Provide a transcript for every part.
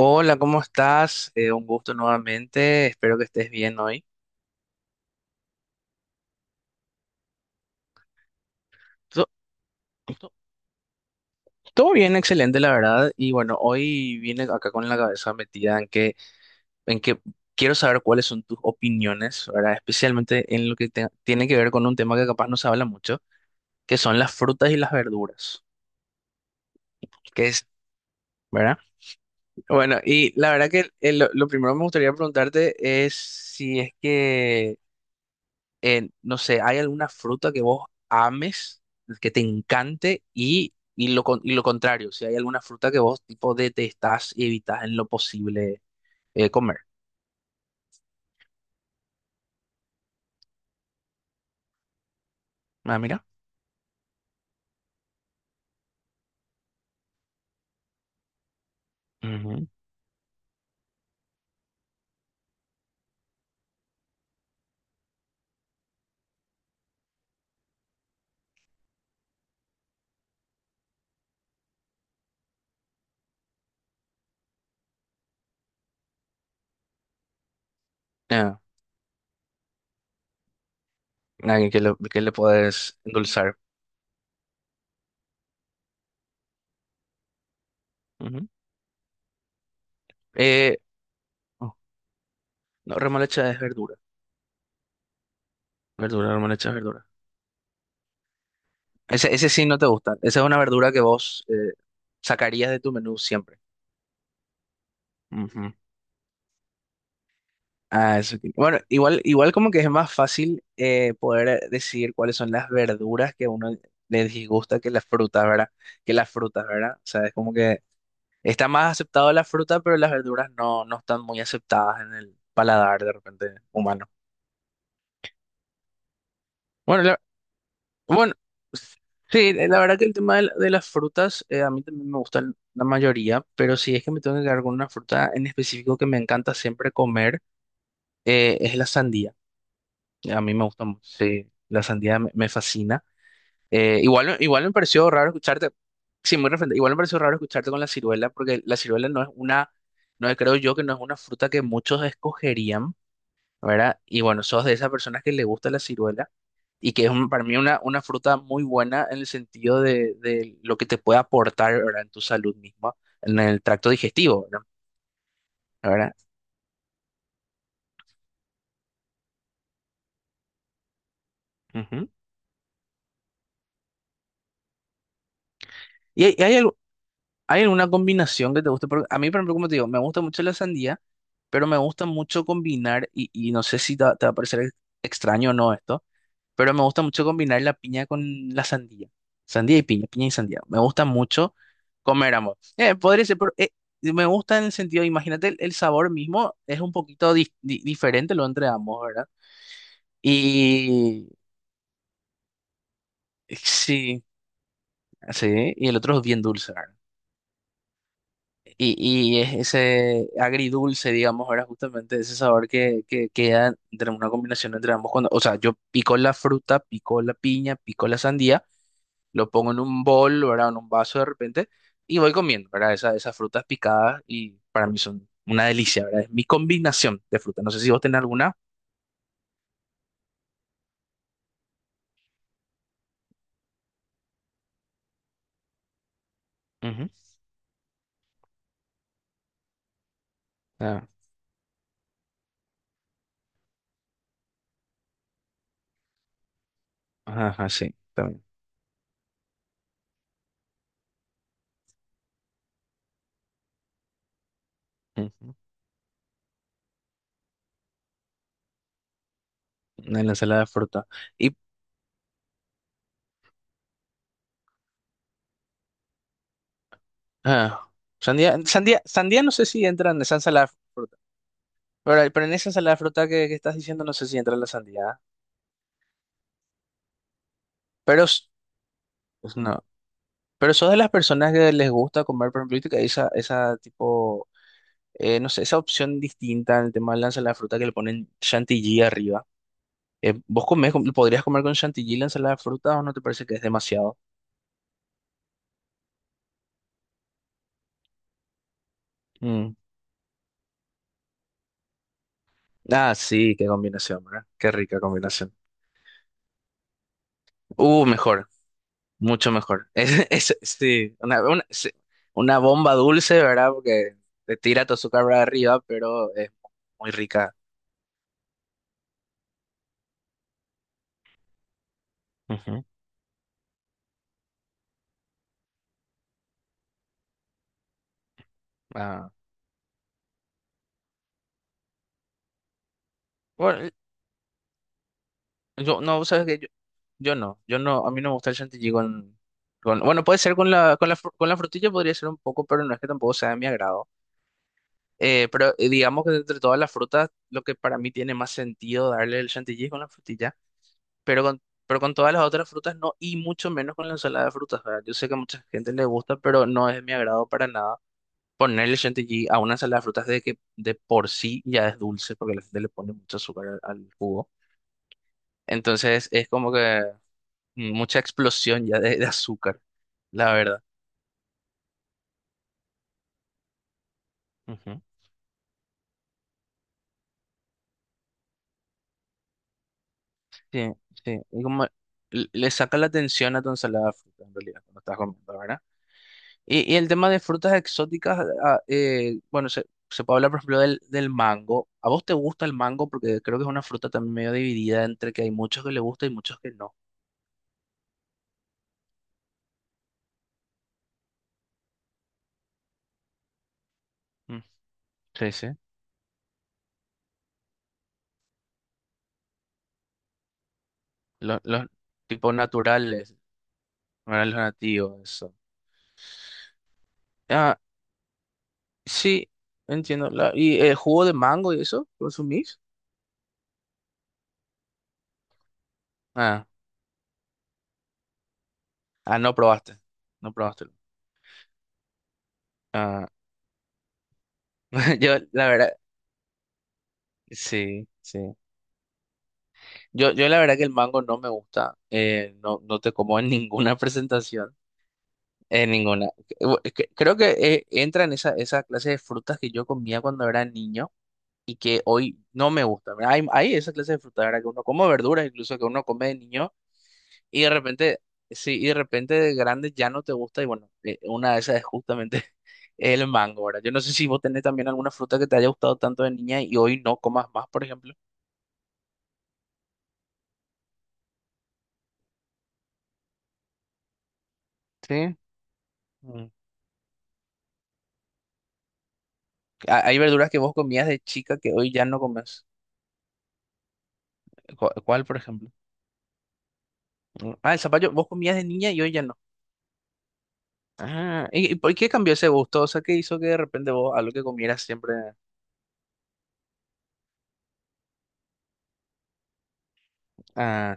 Hola, ¿cómo estás? Un gusto nuevamente. Espero que estés bien hoy. To- to- Todo bien, excelente, la verdad. Y bueno, hoy vine acá con la cabeza metida en que quiero saber cuáles son tus opiniones, ¿verdad? Especialmente en lo que tiene que ver con un tema que capaz no se habla mucho, que son las frutas y las verduras. ¿Qué es, verdad? Bueno, y la verdad que lo primero que me gustaría preguntarte es si es que no sé, ¿hay alguna fruta que vos ames, que te encante y y lo contrario? Si hay alguna fruta que vos tipo detestás y evitas en lo posible comer. Ah, mira. Ujú. Ah, alguien que le puedes endulzar. Ujú. Eh, oh, no, remolacha es verdura. Verdura, remolacha es verdura. Ese sí no te gusta. Esa es una verdura que vos sacarías de tu menú siempre. Ujú. Bueno, igual como que es más fácil poder decidir cuáles son las verduras que a uno le disgusta que las frutas, ¿verdad? Que las frutas, ¿verdad? O sea, es como que está más aceptado la fruta, pero las verduras no, no están muy aceptadas en el paladar de repente humano. Bueno, la- bueno, sí, la verdad que el tema de, de las frutas a mí también me gustan la mayoría, pero si es que me tengo que quedar con una fruta en específico que me encanta siempre comer, es la sandía. A mí me gusta mucho, sí, la sandía me fascina. Igual me pareció raro escucharte, sí, muy referente, igual me pareció raro escucharte con la ciruela, porque la ciruela no es una, no es- creo yo que no es una fruta que muchos escogerían, ¿verdad? Y bueno, sos de esas personas que le gusta la ciruela y que es para mí una fruta muy buena en el sentido de lo que te puede aportar, ¿verdad? En tu salud misma, en el tracto digestivo, ¿verdad? ¿Verdad? Ujú. Y hay, hay ¿Hay alguna combinación que te guste? Porque a mí, por ejemplo, como te digo, me gusta mucho la sandía, pero me gusta mucho combinar, y no sé si te va a parecer extraño o no esto, pero me gusta mucho combinar la piña con la sandía. Sandía y piña, piña y sandía. Me gusta mucho comer ambos. Podría ser, pero me gusta en el sentido, imagínate, el sabor mismo es un poquito diferente lo entre ambos, ¿verdad? Y sí, sí, y el otro es bien dulce, ¿verdad? Y es ese agridulce, digamos, era justamente ese sabor que queda entre una combinación entre ambos. O sea, yo pico la fruta, pico la piña, pico la sandía, lo pongo en un bol, ¿verdad? En un vaso de repente y voy comiendo, ¿verdad? Esas frutas picadas y para mí son una delicia, ¿verdad? Es mi combinación de frutas. No sé si vos tenés alguna. Ujú. Ah, ajá, ajá, sí, también. Ujú. En la ensalada de fruta. Y ah, Sandía, sandía, sandía no sé si entra en esa ensalada. Pero en esa salada de fruta que estás diciendo no sé si entra la sandía. ¿Eh? Pero s- pues no. Pero sos de las personas que les gusta comer, por ejemplo, y que no sé, esa opción distinta en el tema de la ensalada de fruta que le ponen chantilly arriba. ¿Vos podrías comer con chantilly la ensalada de fruta o no te parece que es demasiado? Mm. Ah, sí, qué combinación, ¿verdad? Qué rica combinación. Mejor. Mucho mejor. Sí, sí, una bomba dulce, ¿verdad? Porque te tira tu azúcar para arriba, pero es muy rica. Ujú. Ah, bueno, yo no, sabes que yo no, yo no, a mí no me gusta el chantilly con, bueno, puede ser con la, con la frutilla podría ser un poco, pero no es que tampoco sea de mi agrado. Digamos que entre todas las frutas, lo que para mí tiene más sentido darle el chantilly es con la frutilla. Pero con, pero con todas las otras frutas no, y mucho menos con la ensalada de frutas, ¿verdad? Yo sé que a mucha gente le gusta, pero no es de mi agrado para nada ponerle chantilly a una ensalada de frutas de que de por sí ya es dulce, porque la gente le pone mucho azúcar al jugo. Entonces es como que mucha explosión ya de azúcar, la verdad. Ujú. Sí, sí. Y como le saca la atención a tu ensalada de frutas, en realidad, cuando estás comiendo, ¿verdad? Y el tema de frutas exóticas, ah, bueno, se puede hablar, por ejemplo, del mango. ¿A vos te gusta el mango? Porque creo que es una fruta también medio dividida entre que hay muchos que le gusta y muchos que no. Mm, sí, sí. Los tipos naturales, no eran los nativos, eso. Ah, sí, entiendo. ¿Y el jugo de mango y eso? ¿Consumís? Ah, ah, no probaste. No probaste. Ah, yo, la verdad, sí, sí. Yo la verdad que el mango no me gusta, no, no te como en ninguna presentación. En ninguna. Bu- que Creo que entra en esa clase de frutas que yo comía cuando era niño y que hoy no me gusta. ¿Verdad? Hay esa clase de frutas, ¿verdad? Que uno come verduras, incluso que uno come de niño y de sí, y de repente de grande ya no te gusta y bueno, una de esas es justamente el mango, ¿verdad? Yo no sé si vos tenés también alguna fruta que te haya gustado tanto de niña y hoy no comas más, por ejemplo. Sí. Mm. Hay verduras que vos comías de chica que hoy ya no comes. ¿Cuál, por ejemplo? Mm. Ah, el zapallo, vos comías de niña y hoy ya no. Ah, y por qué cambió ese gusto? O sea, ¿qué hizo que de repente vos algo que comieras siempre? Ah,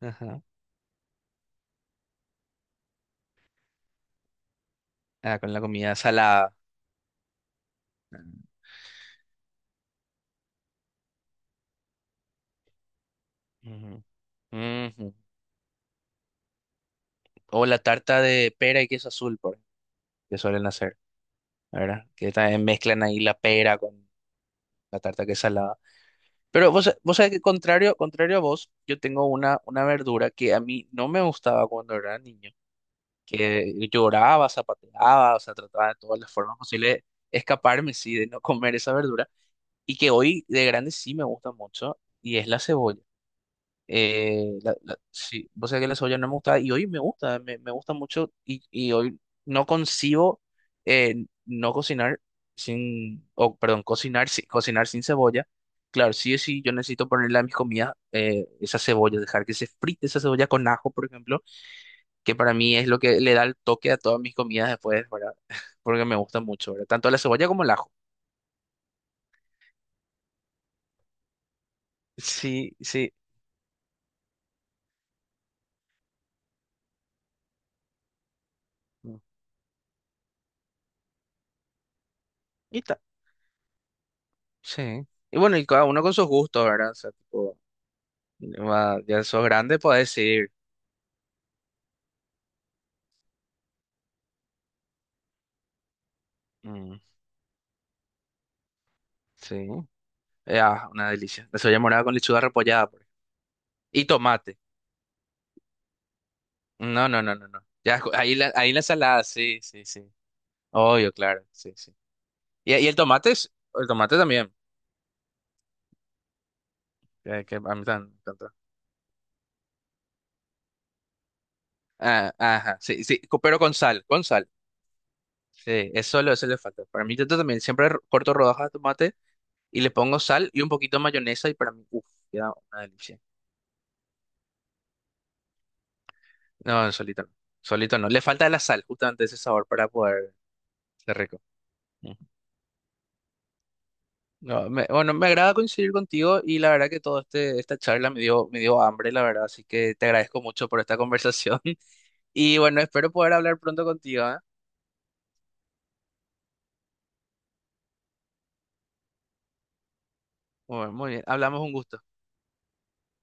ajá, ah, con la comida salada. Ujú, ujú. O la tarta de pera y queso azul, por ejemplo, que suelen hacer, ¿verdad? Que también mezclan ahí la pera con la tarta que es salada. Pero vos, vos sabés que contrario a vos, yo tengo una verdura que a mí no me gustaba cuando era niño, que lloraba, zapateaba, o sea, trataba de todas las formas posibles de escaparme, sí, de no comer esa verdura. Y que hoy de grande sí me gusta mucho, y es la cebolla. Sí, vos sabés que la cebolla no me gusta, y hoy me gusta, me gusta mucho, y hoy no concibo no cocinar sin, o perdón, cocinar sin cebolla. Claro, sí o sí, yo necesito ponerle a mis comidas esa cebolla, dejar que se frite esa cebolla con ajo, por ejemplo, que para mí es lo que le da el toque a todas mis comidas después, ¿verdad? Porque me gusta mucho, ¿verdad? Tanto la cebolla como el ajo. Sí, sí. Y ta- Sí. Y bueno, y cada uno con sus gustos, ¿verdad? O sea, tipo, ya sos grande, podés decir. Mm, sí. Ah, una delicia. La cebolla morada con lechuga repollada, por ejemplo. Y tomate. No, no, no, no, no. Ahí ahí la ensalada, sí, sí, sí. Obvio, claro, sí, sí. Y el tomate el tomate también, que a mí también me encanta. Ah, ajá, sí, sí, pero con sal, con sal. Sí, es solo eso le falta. Para mí yo también siempre corto rodajas de tomate y le pongo sal y un poquito de mayonesa y para mí, uff, queda una delicia. No, no, solito no. Solito no. Le falta la sal, justamente ese sabor para poder ser rico. Ujú. No, me- Bueno, me agrada coincidir contigo y la verdad que toda esta charla me dio hambre, la verdad. Así que te agradezco mucho por esta conversación. Y bueno, espero poder hablar pronto contigo, ¿eh? Bueno, muy bien. Hablamos un gusto.